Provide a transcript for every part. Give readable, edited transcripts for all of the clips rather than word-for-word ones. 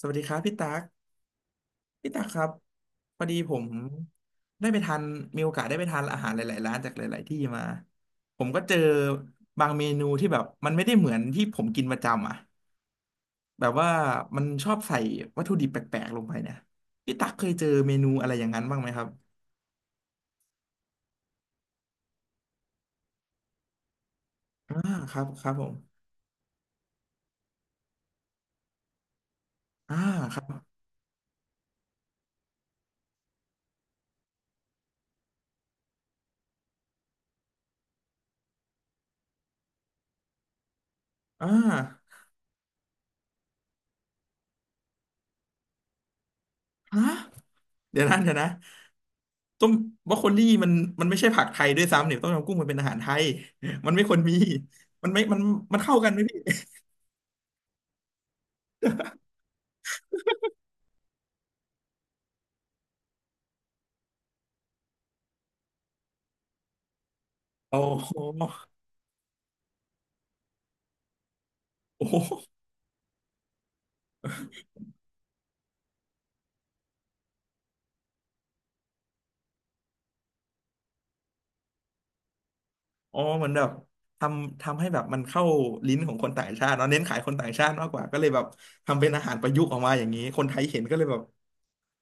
สวัสดีครับพี่ตั๊กพี่ตั๊กครับพอดีผมได้ไปทานมีโอกาสได้ไปทานอาหารหลายๆร้านจากหลายๆที่มาผมก็เจอบางเมนูที่แบบมันไม่ได้เหมือนที่ผมกินประจำอ่ะแบบว่ามันชอบใส่วัตถุดิบแปลกๆลงไปเนี่ยพี่ตั๊กเคยเจอเมนูอะไรอย่างนั้นบ้างไหมครับอ่าครับครับผมอ่าครับอ่าฮะ เดี๋ยวนะเดี๋ยวนะต้มบรอกโคลี่มันไม่ใช่ผักไทยด้วยซ้ำเนี่ยต้มยำกุ้งมันเป็นอาหารไทยมันไม่ควรมีมันไม่มันมันเข้ากันไหมพี่โอ้โหโอ้โหอ๋อเหมือนแบบทำทำให้แบบมันเข้าลิ้นของคนต่างชาติเนาะเน้นขายคนต่างชาติมากกว่าก็เลยแบบทำเป็นอาหารประยุกต์ออกมาอย่างนี้คนไทยเห็นก็เลยแบบ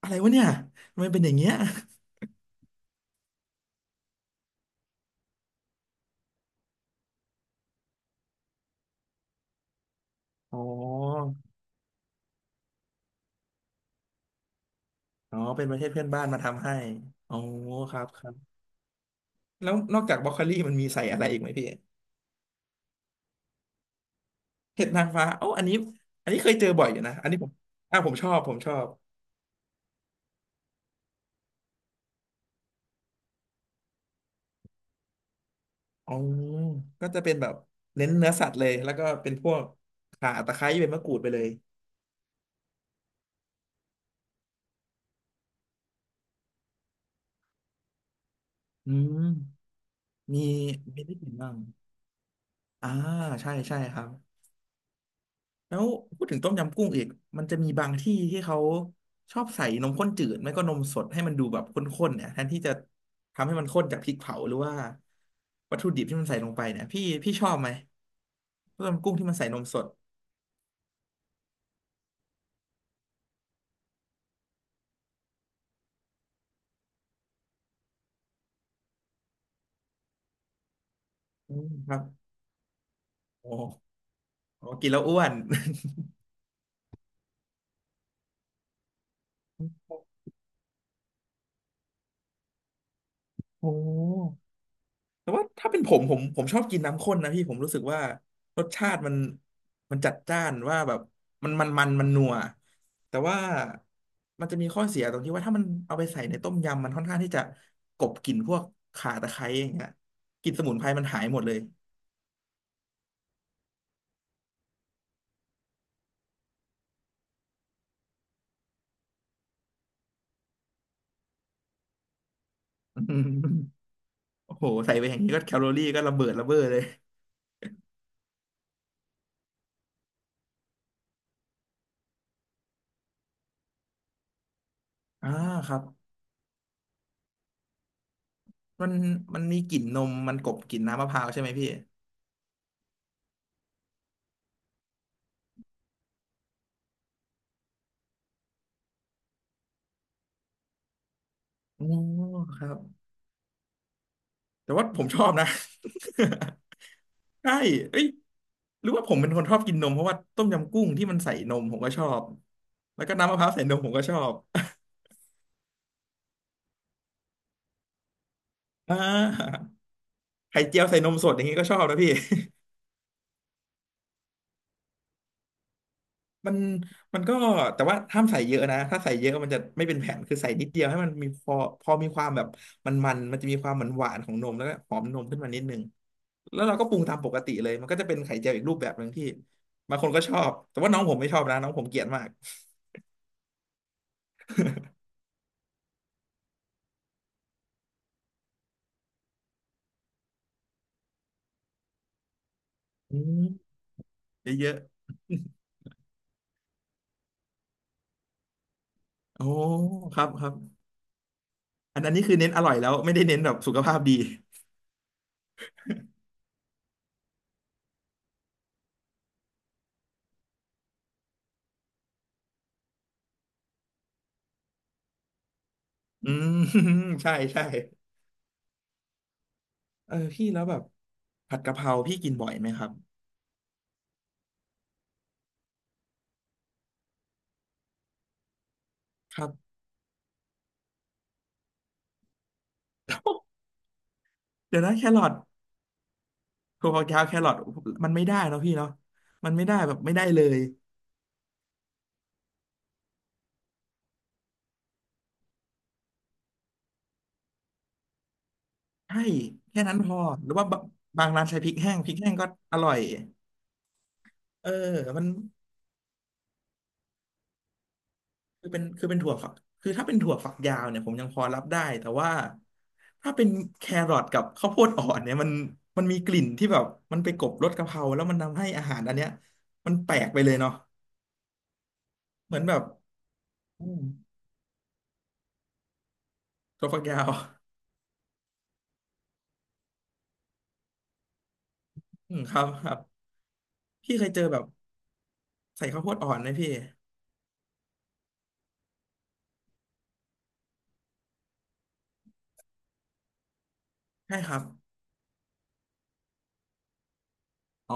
อะไรวะเนี่ยทำไมเป็นอย่างเงี้ยอ๋ออ๋อเป็นประเทศเพื่อนบ้านมาทำให้อ๋อครับครับแล้วนอกจากบรอกโคลี่มันมีใส่อะไรอีกไหมพี่ เห็ดนางฟ้าโอ้าอันนี้อันนี้เคยเจอบ่อยอยู่นะอันนี้ผมอ่าผมชอบผมชอบอ๋อก็จะเป็นแบบเน้นเนื้อสัตว์เลยแล้วก็เป็นพวกข่าตะไคร้เป็นมะกรูดไปเลยอืมมีมีได้กินบ้างอ่าใช่ใช่ครับแล้วพูดถึงต้มยำกุ้งอีกมันจะมีบางที่ที่เขาชอบใส่นมข้นจืดไม่ก็นมสดให้มันดูแบบข้นๆเนี่ยแทนที่จะทำให้มันข้นจากพริกเผาหรือว่าวัตถุดิบที่มันใส่ลงไปเนี่ยพี่ชอบไหมต้มยำกุ้งที่มันใส่นมสดอืมครับ โอ้โอ้กินแล้วอ้วน โอ้แต่ว่าถ้าเป็นผมผมชอบกินน้ำข้นนะพี่ผมรู้สึกว่ารสชาติมันมันจัดจ้านว่าแบบมันนัวแต่ว่ามันจะมีข้อเสียตรงที่ว่าถ้ามันเอาไปใส่ในต้มยำมันค่อนข้างที่จะกลบกลิ่นพวกข่าตะไคร้อย่างเงี้ยกลิ่นสมุนไพรมันหายหมดเลยอืมโอ้โหใส่ไปอย่างนี้ก็แคลอรี่ก็ระเบิดระเบ้อเลยอ่าครับมันมีกลิ่นนมมันกลบกลิ่นน้ำมะพร้าวใช่ไหมพี่โอ้ครับ แต่ว่าผมชอบนะ ใช่เอ้ยหรือว่าผมเป็นคนชอบกินนมเพราะว่าต้มยำกุ้งที่มันใส่นมผมก็ชอบแล้วก็น้ำมะพร้าวใส่นมผมก็ชอบ อ่าไข่เจียวใส่นมสดอย่างนี้ก็ชอบนะพี่ มันมันก็แต่ว่าห้ามใส่เยอะนะถ้าใส่เยอะมันจะไม่เป็นแผ่นคือใส่นิดเดียวให้มันมีพอพอมีความแบบมันจะมีความหวานหวานของนมแล้วก็หอมนมขึ้นมานิดนึงแล้วเราก็ปรุงตามปกติเลยมันก็จะเป็นไข่เจียวอีกรูปแบบหนึ่งที่บางคนก็ชอบแต่ว่าน้องผมไม่ชอบนะน้องผมเกลียดมาก อืมเยอะๆโอ้ครับครับอันอันนี้คือเน้นอร่อยแล้วไม่ได้เน้นแบบสุขภาพดีอืม ใช่ใช่เออพี่แล้วแบบผัดกะเพราพี่กินบ่อยไหมครับครับ เดี๋ยวนะแครอทถั่วฝักยาวแครอทมันไม่ได้เนอะพี่เนาะมันไม่ได้แบบไม่ได้เลยใช่แค่นั้นพอหรือว่าบางบางร้านใช้พริกแห้งพริกแห้งก็อร่อยเออมัน คือเป็นคือเป็นถั่วฝักคือถ้าเป็นถั่วฝักยาวเนี่ยผมยังพอรับได้แต่ว่าถ้าเป็นแครอทกับข้าวโพดอ่อนเนี่ยมันมีกลิ่นที่แบบมันไปกลบรสกะเพราแล้วมันทำให้อาหารอันเนี้ยมันแปลกไปเลยเนาะเหมือนแบบอืมถั่วฝักยาวอืมครับครับพี่เคยเจอแบบใส่ข้าวโพดอ่อนไหมพี่ใช่ครับอ๋อ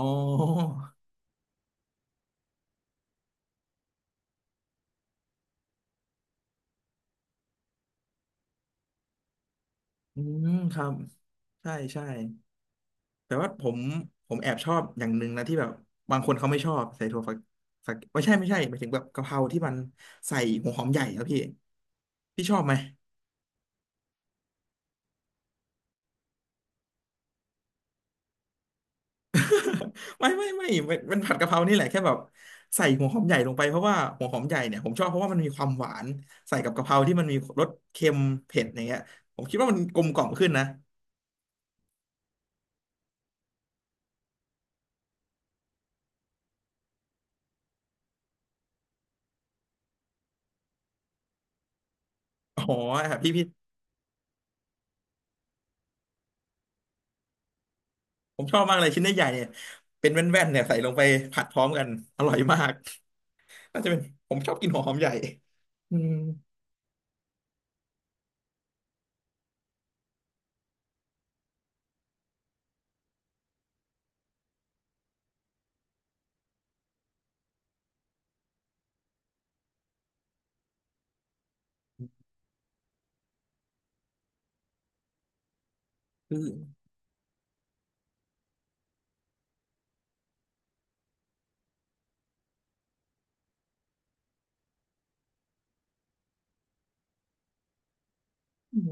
อืมครับใช่ใช่ แต่ว่าผมแอบชอบอย่างหนึ่งนะที่แบบบางคนเขาไม่ชอบใส่ถั่วฝักฝักไม่ใช่ไม่ใช่หมายถึงแบบกะเพราที่มันใส่หัวหอมใหญ่ครับพี่ชอบไหม ไม่ไม่ไม่มันมันผัดกะเพรานี่แหละแค่แบบใส่หัวหอมใหญ่ลงไปเพราะว่าหัวหอมใหญ่เนี่ยผมชอบเพราะว่ามันมีความหวานใส่กับกะเพราที่มันมีรสเค็มเผ็ดอย่างเงี้ยผมคิดว่ามันกลมกล่อมขึ้นนะอ๋อครับพี่ผมชอบมากเลยชิ้นใหญ่ๆเนี่ยเป็นแว่นๆเนี่ยใส่ลงไปผัดพร้อมกันอร่อยมาก น่าจะเป็นผมชอบกินหัวหอมใหญ่อืมคือ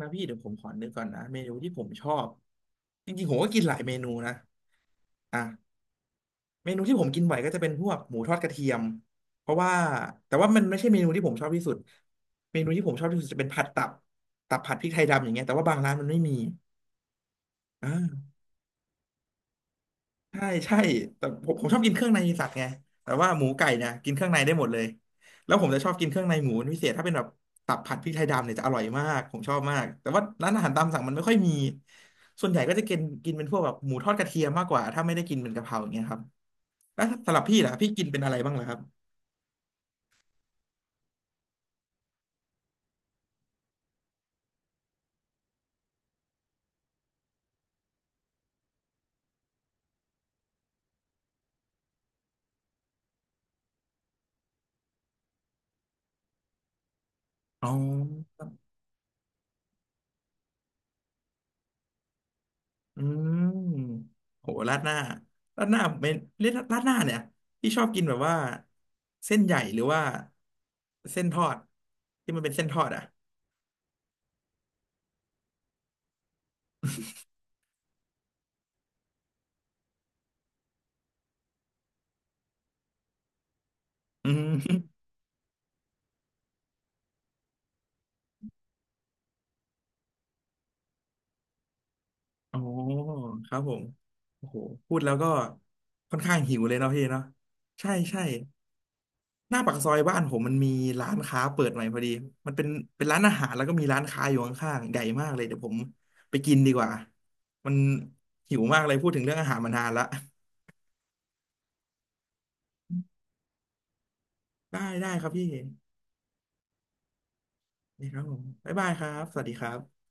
นะพี่เดี๋ยวผมขอนึกก่อนนะเมนูที่ผมชอบจริงๆผมก็กินหลายเมนูนะอ่ะเมนูที่ผมกินบ่อยก็จะเป็นพวกหมูทอดกระเทียมเพราะว่าแต่ว่ามันไม่ใช่เมนูที่ผมชอบที่สุดเมนูที่ผมชอบที่สุดจะเป็นผัดตับตับผัดพริกไทยดำอย่างเงี้ยแต่ว่าบางร้านมันไม่มีอ่า ใช่ใช่แต่ผมชอบกินเครื่องในสัตว์ไงแต่ว่าหมูไก่เนี่ยกินเครื่องในได้หมดเลยแล้วผมจะชอบกินเครื่องในหมูเป็นพิเศษถ้าเป็นแบบตับผัดพริกไทยดำเนี่ยจะอร่อยมากผมชอบมากแต่ว่าร้านอาหารตามสั่งมันไม่ค่อยมีส่วนใหญ่ก็จะกินกินเป็นพวกแบบหมูทอดกระเทียมมากกว่าถ้าไม่ได้กินเป็นกะเพราอย่างเงี้ยครับแล้วสำหรับพี่ล่ะพี่กินเป็นอะไรบ้างเหรอครับอ๋ออืมโหราดหน้าราดหน้าเป็นเรียกราดหน้าเนี่ยพี่ชอบกินแบบว่าเส้นใหญ่หรือว่าเส้นทอดที่มันเป็นเส้นทอดอ่ะ อืม อ๋อครับผมโอ้โหพูดแล้วก็ค่อนข้างหิวเลยเนาะพี่เนาะใช่ใช่หน้าปากซอยบ้านผมมันมีร้านค้าเปิดใหม่พอดีมันเป็นเป็นร้านอาหารแล้วก็มีร้านค้าอยู่ข้างๆใหญ่มากเลยเดี๋ยวผมไปกินดีกว่ามันหิวมากเลยพูดถึงเรื่องอาหารมานานละได้ได้ครับพี่นี่ครับผมบ๊ายบายครับสวัสดีครับ